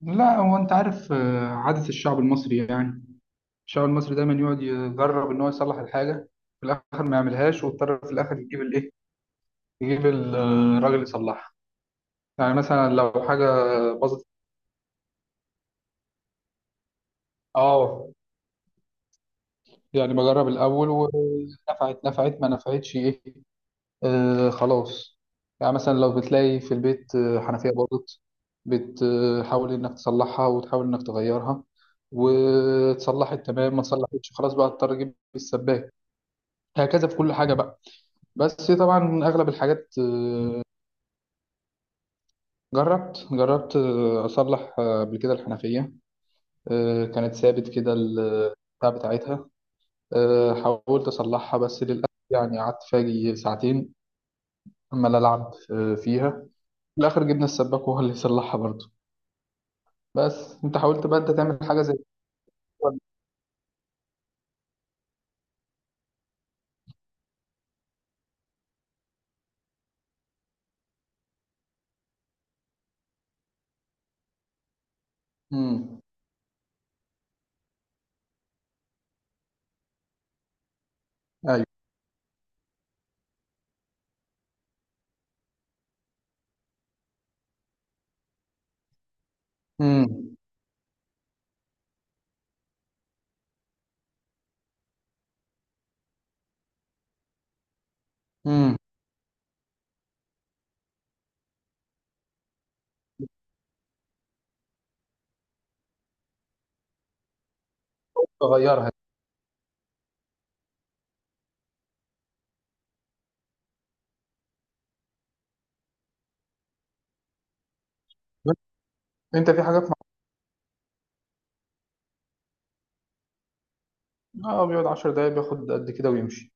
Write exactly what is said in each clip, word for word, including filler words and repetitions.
لا، هو انت عارف، آه، عادة الشعب المصري، يعني الشعب المصري دايما يقعد يجرب ان هو يصلح الحاجة. في الاخر ما يعملهاش، واضطر في الاخر يجيب الايه، يجيب ال- آه، الراجل يصلحها. يعني مثلا لو حاجة باظت، اه، يعني بجرب الاول، ونفعت نفعت، ما نفعتش ايه، آه خلاص. يعني مثلا لو بتلاقي في البيت آه، حنفية باظت، بتحاول انك تصلحها وتحاول انك تغيرها. وتصلحت تمام، ما تصلحتش خلاص بقى اضطر اجيب السباك. هكذا في كل حاجة بقى. بس طبعا. أغلب الحاجات، آه، جربت جربت آه، أصلح آه، قبل كده الحنفية. آه، كانت ثابت كده ال- البتاع بتاعتها. آه، حاولت أصلحها بس للأسف، يعني قعدت فاجي ساعتين عمال ألعب آه، فيها. في الآخر جبنا السباك وهو اللي يصلحها برضه. بس أنت حاولت بقى أنت تعمل حاجة زي كده ولا؟ امم، أيوه، امم، امم، تغيرها. أنت في حاجات مع... آه، بيقعد 10 دقايق بياخد قد كده ويمشي.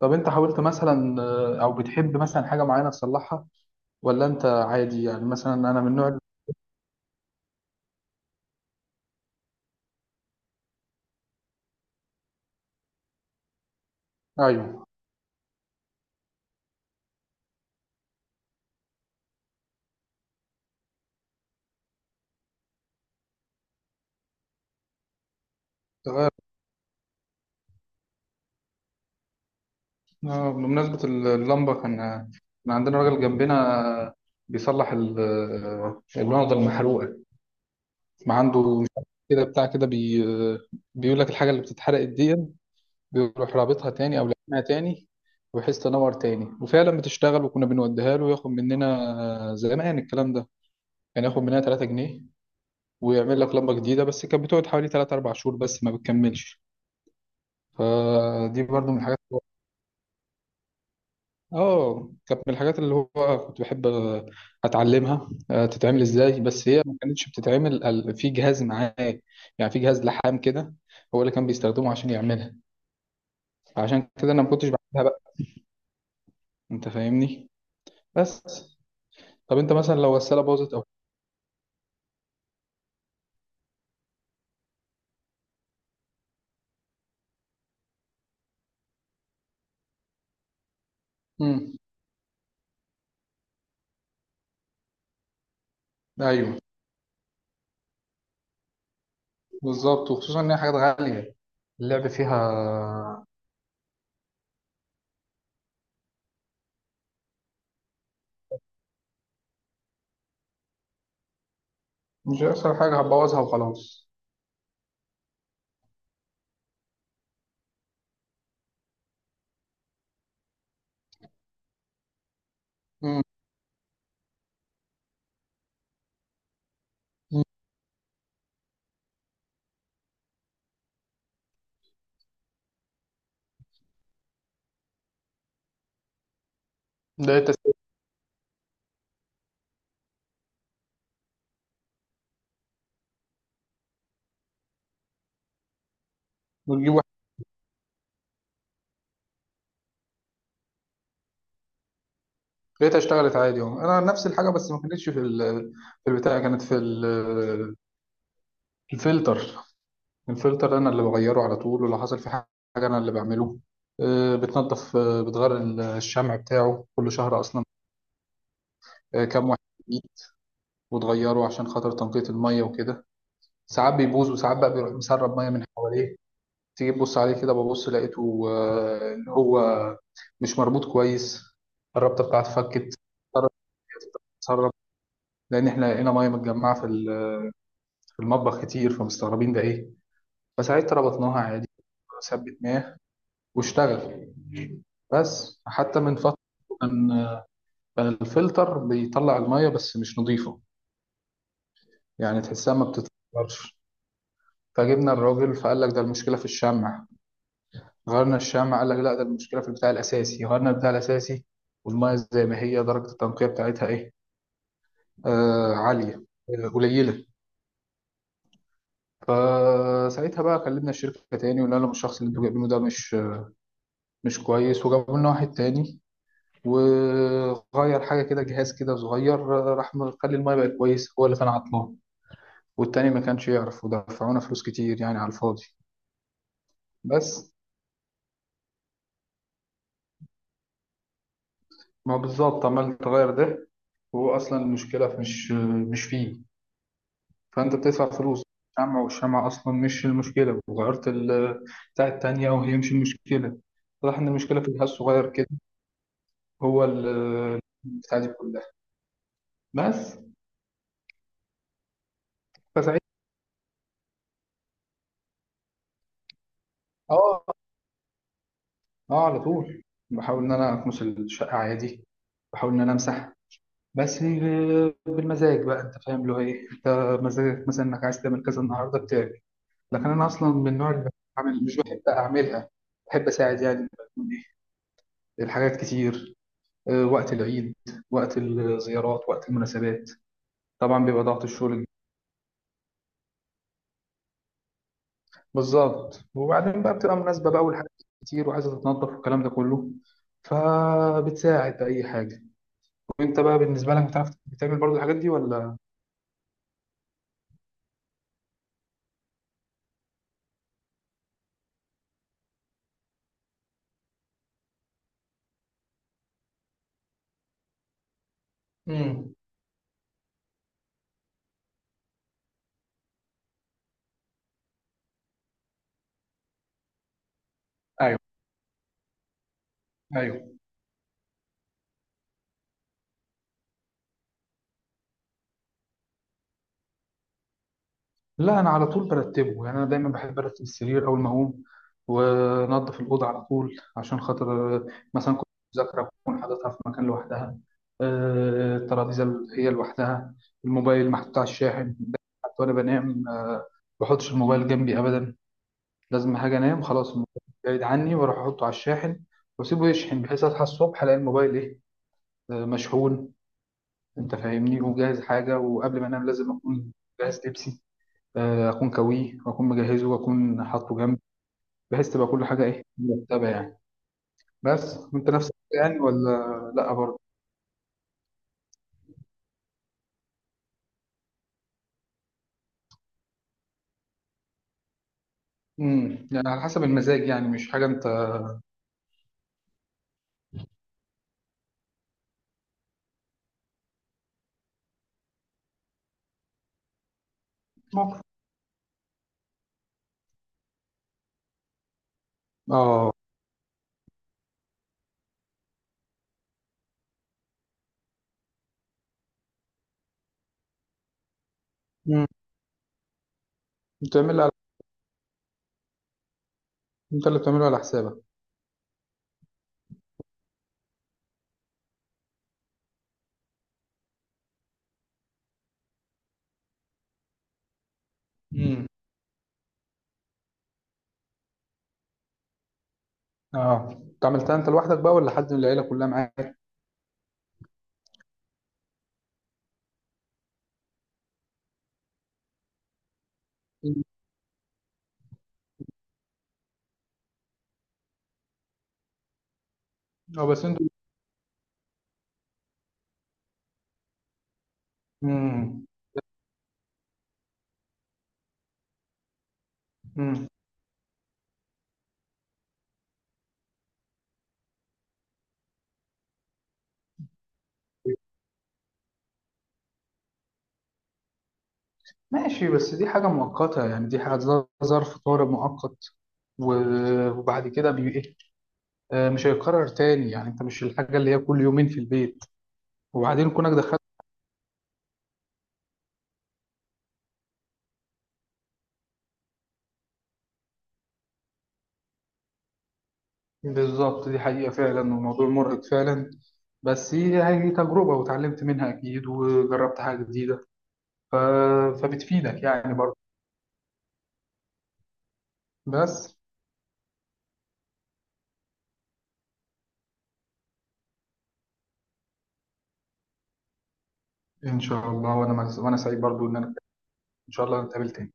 طب انت حاولت مثلا، آه، او بتحب مثلا حاجه معينه تصلحها، ولا انت عادي؟ يعني مثلا انا من النوع اللي-. ايوه، تغير. آه، بمناسبه اللمبه، كان كان عندنا راجل جنبنا بيصلح ال- آه، الونضه المحروقه. ما عنده، مش عارف كده، بتاع كده، بي، آه، بيقول لك الحاجه اللي بتتحرق دي بيروح رابطها تاني او لازمها تاني بحيث تنور تاني، وفعلا بتشتغل. وكنا بنوديها له وياخد مننا. آه، زمان الكلام ده كان ياخد مننا تلات جنيه، ويعمل لك لمبة جديدة. بس كانت بتقعد حوالي تلاتة اربعة شهور بس، ما بتكملش. فدي برضو من الحاجات. اه، كانت من الحاجات اللي هو كنت بحب آه، اتعلمها آه، تتعمل ازاي. بس هي ما كانتش بتتعمل ال- في جهاز معاه. يعني في جهاز لحام كده، هو اللي كان بيستخدمه عشان يعملها. عشان كده انا ما كنتش بعملها بقى. انت فاهمني. بس. طب انت مثلا لو الغسالة باظت او... امم، ايوه، بالظبط، وخصوصا ان هي حاجات غالية اللعب فيها. مش هيحصل حاجة، هبوظها وخلاص. امم، لقيت أس- بتجيب واحد، لقيتها اشتغلت عادي اهو. انا نفس الحاجه بس ما كانتش في ال... في البتاع، كانت في ال... الفلتر. الفلتر انا اللي بغيره على طول، ولو حصل في حاجه انا اللي بعمله. آه، بتنضف، آه، بتغير ال- الشمع بتاعه كل شهر اصلا. آه، كام واحد جديد، وتغيره عشان خاطر تنقية الميه وكده. ساعات بيبوظ، وساعات بقى بيروح مسرب ميه من حواليه. تيجي تبص عليه كده، ببص لقيته آه، ان هو مش مربوط كويس، الرابطه بتاعته فكت، اتسرب، لان احنا لقينا ميه متجمعه في ال- في المطبخ كتير، فمستغربين ده ايه. فساعتها ربطناها عادي وثبتناه واشتغل. بس حتى من فتره، كان كان الفلتر بيطلع الميه بس مش نظيفه، يعني تحسها ما بتتفلترش. فجبنا الراجل فقال لك ده المشكله في الشمع، غيرنا الشمع، قال لك لا، ده المشكله في البتاع الاساسي، غيرنا البتاع الاساسي. والميه زي ما هي، درجه التنقيه بتاعتها ايه؟ آه عاليه، آه، قليله. فساعتها بقى كلمنا الشركه تاني وقلنا لهم الشخص اللي انتوا جايبينه ده مش مش كويس، وجابوا لنا واحد تاني، وغير حاجة كده، جهاز كده صغير، راح مخلي المايه بقت كويسة. هو اللي كان عطلان، والتاني ما كانش يعرف، ودفعونا فلوس كتير يعني على الفاضي. بس ما هو بالظبط عمال تغير ده، وهو أصلا المشكلة في- مش مش فيه. فأنت بتدفع فلوس شمع، والشمع أصلا مش المشكلة، وغيرت ال- بتاع التانية وهي مش المشكلة. واضح إن المشكلة في الجهاز الصغير كده، هو ال- بتاع دي كلها. بس. فساعتها، اه، اه، على طول بحاول ان انا اكنس الشقه عادي، بحاول ان انا امسح. بس ال- بالمزاج بقى، انت فاهم اللي هو ايه، انت مزاجك مثلا انك عايز تعمل كذا النهارده بتعمل. لكن انا اصلا من النوع اللي بعمل، مش بحب اعملها. بحب اساعد يعني لما يكون ايه، الحاجات كتير، آه، وقت العيد، وقت الزيارات، وقت المناسبات. طبعا بيبقى ضغط الشغل. بالظبط، وبعدين بقى بتبقى مناسبه بقى، والحاجات كتير وعايزه تتنظف والكلام ده كله، فبتساعد بأي حاجه. وانت بقى بالنسبه لك بتعرف بتعمل برضو الحاجات دي ولا؟ امم، ايوه، ايوه. لا، انا على طول برتبه، يعني انا دايما بحب ارتب السرير اول ما اقوم، وانضف الاوضه على طول عشان خاطر آه، مثلا كنت مذاكره اكون حاططها في مكان لوحدها. آه، الترابيزه اللي هي لوحدها، الموبايل محطوط على الشاحن ده. حتى وانا بنام آه، ما بحطش الموبايل جنبي ابدا. لازم حاجه، انام خلاص الموبايل بعيد عني، واروح احطه على الشاحن واسيبه يشحن بحيث اصحى الصبح الاقي الموبايل ايه، آه، مشحون. انت فاهمني، وجاهز حاجه. وقبل ما انام لازم اكون جاهز لبسي، آه، اكون كويه، واكون مجهزه، واكون حاطه جنبي، بحيث تبقى كل حاجه ايه، مرتبه يعني. بس وانت نفس الحاجة يعني ولا؟ لا برضه. امم، يعني على حسب المزاج يعني مش حاجه انت. موقف. اه. امم. بتعملها على... انت اللي بتعمله على حسابك. امم. اه، انت عملتها انت لوحدك بقى ولا حد من العيله كلها معاك؟ مم. اه، بس انتوا. امم. امم. ماشي، بس دي حاجة مؤقتة، يعني دي حاجة ظ- ظرف طارئ مؤقت، و- وبعد كده بي إيه؟ آه، مش هيتكرر تاني، يعني انت مش الحاجة اللي هي كل يومين في البيت. وبعدين كونك دخلت، بالظبط دي حقيقة فعلا، وموضوع مرهق فعلا. بس هي هي تجربة وتعلمت منها أكيد، وجربت حاجة جديدة، ف... فبتفيدك يعني برضه. بس، إن شاء الله. وأنا وأنا سعيد برضه إن أنا. إن شاء الله نتقابل تاني.